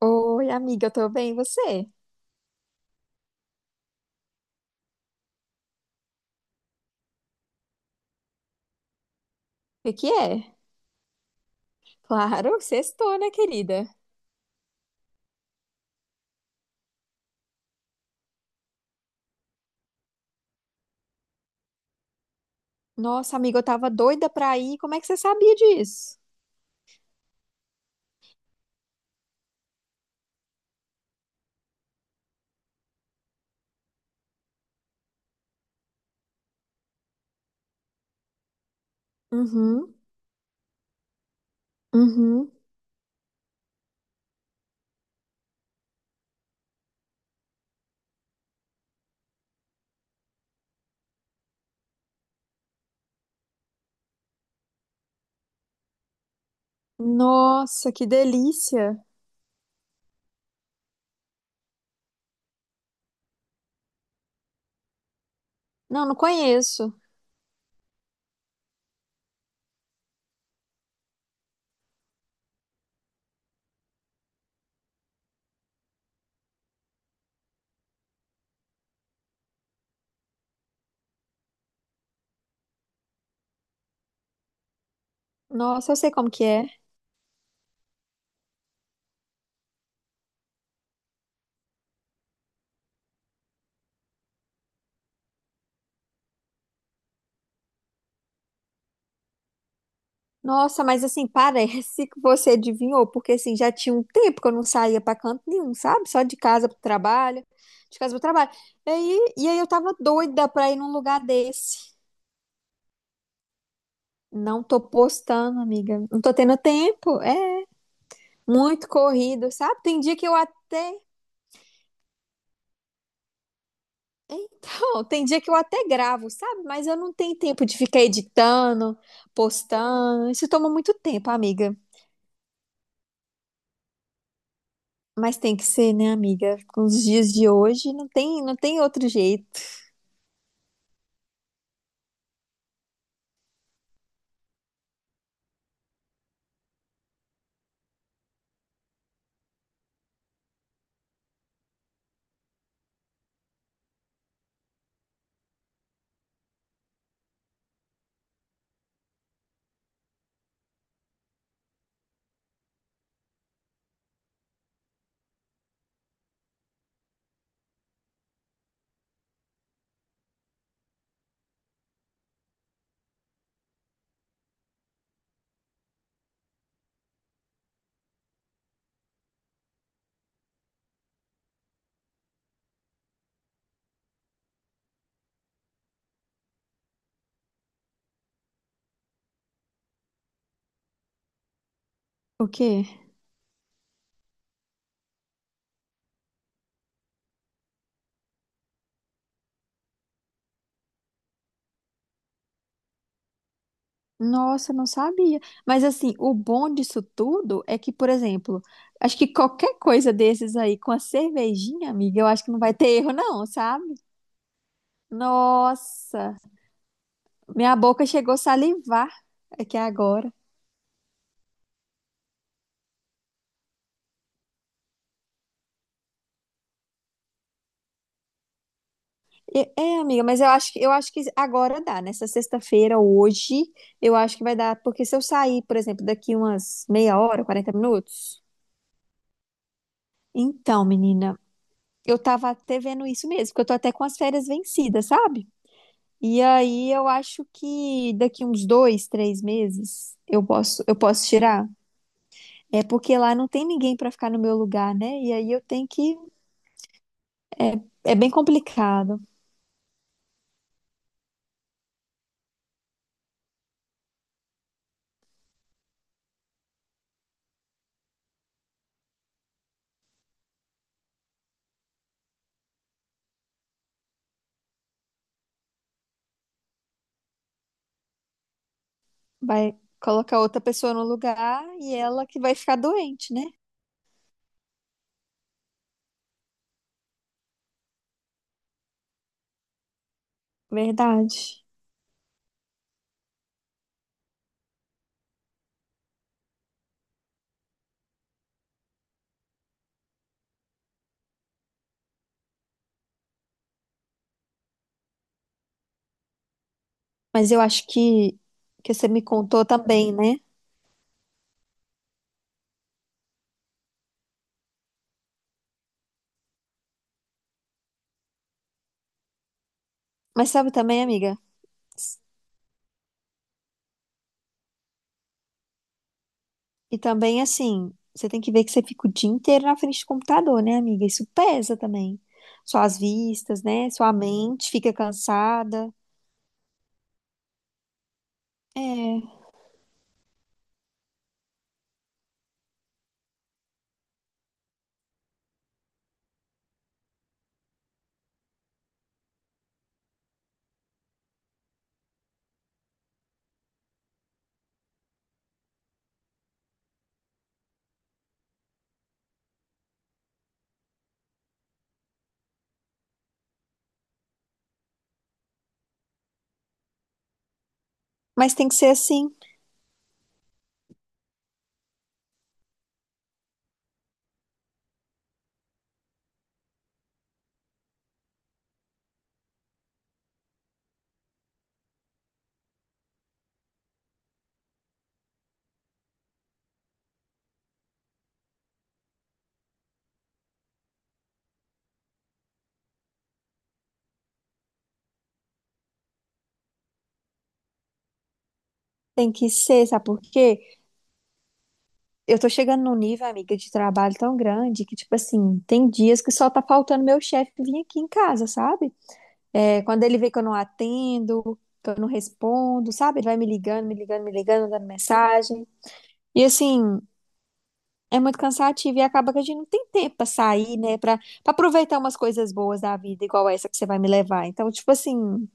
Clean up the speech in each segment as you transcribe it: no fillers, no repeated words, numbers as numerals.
Oi, amiga, eu tô bem, e você? O que que é? Claro, sextou, né, querida? Nossa, amiga, eu tava doida pra ir. Como é que você sabia disso? Uhum, uhum. Nossa, que delícia. Não, não conheço. Nossa, eu sei como que é. Nossa, mas assim, parece que você adivinhou, porque assim, já tinha um tempo que eu não saía pra canto nenhum, sabe? Só de casa pro trabalho, de casa pro trabalho. E aí eu tava doida pra ir num lugar desse. Não tô postando, amiga. Não tô tendo tempo. É? Muito corrido, sabe? Tem dia que eu até. Então, tem dia que eu até gravo, sabe? Mas eu não tenho tempo de ficar editando, postando. Isso toma muito tempo, amiga. Mas tem que ser, né, amiga? Com os dias de hoje, não tem outro jeito. O quê? Nossa, eu não sabia. Mas assim, o bom disso tudo é que, por exemplo, acho que qualquer coisa desses aí com a cervejinha, amiga, eu acho que não vai ter erro, não, sabe? Nossa, minha boca chegou a salivar aqui agora. E- É, amiga, mas eu acho que agora dá. Nessa sexta-feira, hoje, eu acho que vai dar, porque se eu sair, por exemplo, daqui umas meia hora, 40 minutos. Então, menina, eu tava até vendo isso mesmo, porque eu tô até com as férias vencidas, sabe? E aí eu acho que daqui uns dois, três meses eu posso tirar. É porque lá não tem ninguém pra ficar no meu lugar, né? E aí eu tenho que. É bem complicado. Vai colocar outra pessoa no lugar e ela que vai ficar doente, né? Verdade. Mas eu acho que você me contou também, né? Mas sabe também, amiga? E também, assim, você tem que ver que você fica o dia inteiro na frente do computador, né, amiga? Isso pesa também. Suas vistas, né? Sua mente fica cansada. É. Mas tem que ser assim. Tem que ser, sabe por quê? Eu tô chegando num nível, amiga, de trabalho tão grande que, tipo assim, tem dias que só tá faltando meu chefe vir aqui em casa, sabe? É, quando ele vê que eu não atendo, que eu não respondo, sabe? Ele vai me ligando, me ligando, me ligando, dando mensagem. E assim, é muito cansativo e acaba que a gente não tem tempo pra sair, né? Pra aproveitar umas coisas boas da vida, igual essa que você vai me levar. Então, tipo assim,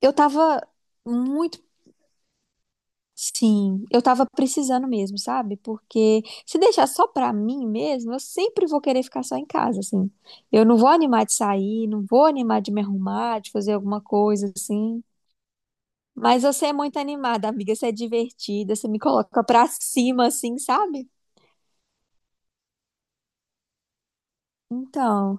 eu tava muito. Sim, eu tava precisando mesmo, sabe? Porque se deixar só pra mim mesmo, eu sempre vou querer ficar só em casa, assim. Eu não vou animar de sair, não vou animar de me arrumar, de fazer alguma coisa, assim. Mas você é muito animada, amiga. Você é divertida, você me coloca pra cima, assim, sabe? Então,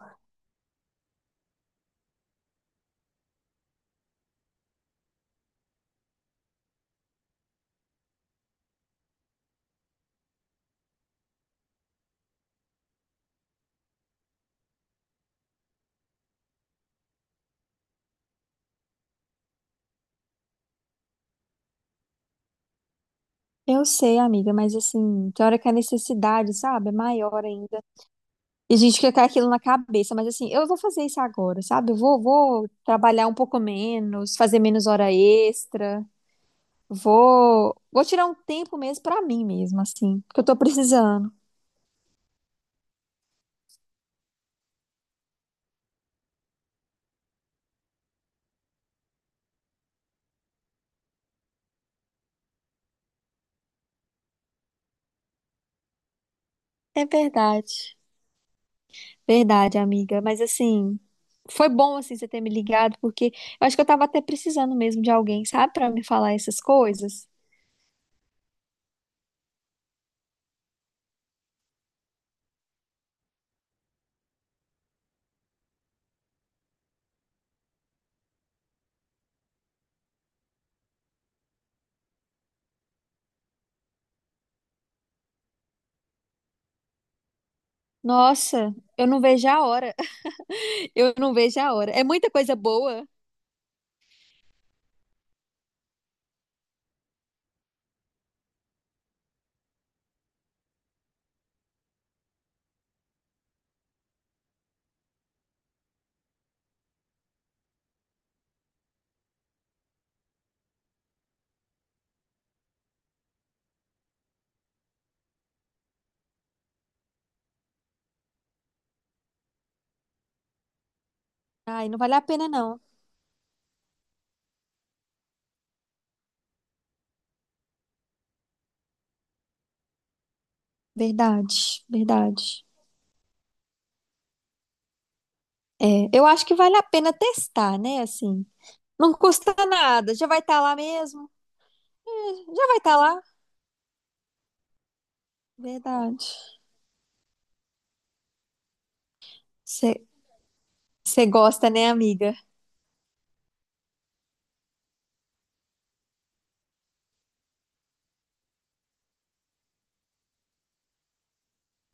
eu sei, amiga, mas assim, tem hora que a necessidade, sabe, é maior ainda. E a gente fica com aquilo na cabeça, mas assim, eu vou fazer isso agora, sabe? Eu vou trabalhar um pouco menos, fazer menos hora extra, vou tirar um tempo mesmo pra mim mesma, assim, porque eu tô precisando. É verdade. Verdade, amiga. Mas assim, foi bom assim você ter me ligado, porque eu acho que eu tava até precisando mesmo de alguém, sabe, pra me falar essas coisas. Nossa, eu não vejo a hora. Eu não vejo a hora. É muita coisa boa. Ai, não vale a pena não. Verdade, verdade. É, eu acho que vale a pena testar, né? Assim, não custa nada. Já vai estar lá mesmo. É, já vai estar lá. Verdade. Você gosta, né, amiga?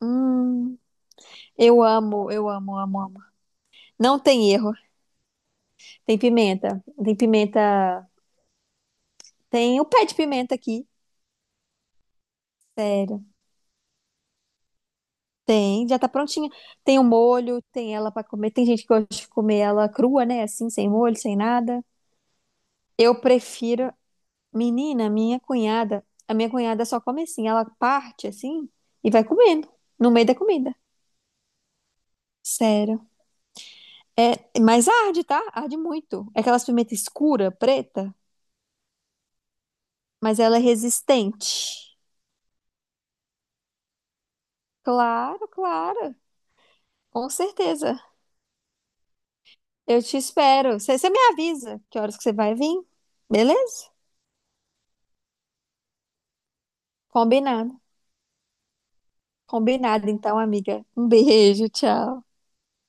Hum, eu amo, amo, amo. Não tem erro. Tem pimenta. Tem pimenta. Tem o pé de pimenta aqui. Sério. Tem, já tá prontinha. Tem o molho, tem ela pra comer. Tem gente que gosta de comer ela crua, né? Assim, sem molho, sem nada. Eu prefiro. Menina, minha cunhada. A minha cunhada só come assim. Ela parte assim e vai comendo. No meio da comida. Sério. É, mas arde, tá? Arde muito. É aquelas pimenta escura, preta, mas ela é resistente. Claro, claro. Com certeza. Eu te espero. Você me avisa que horas que você vai vir? Beleza? Combinado. Combinado, então, amiga. Um beijo, tchau.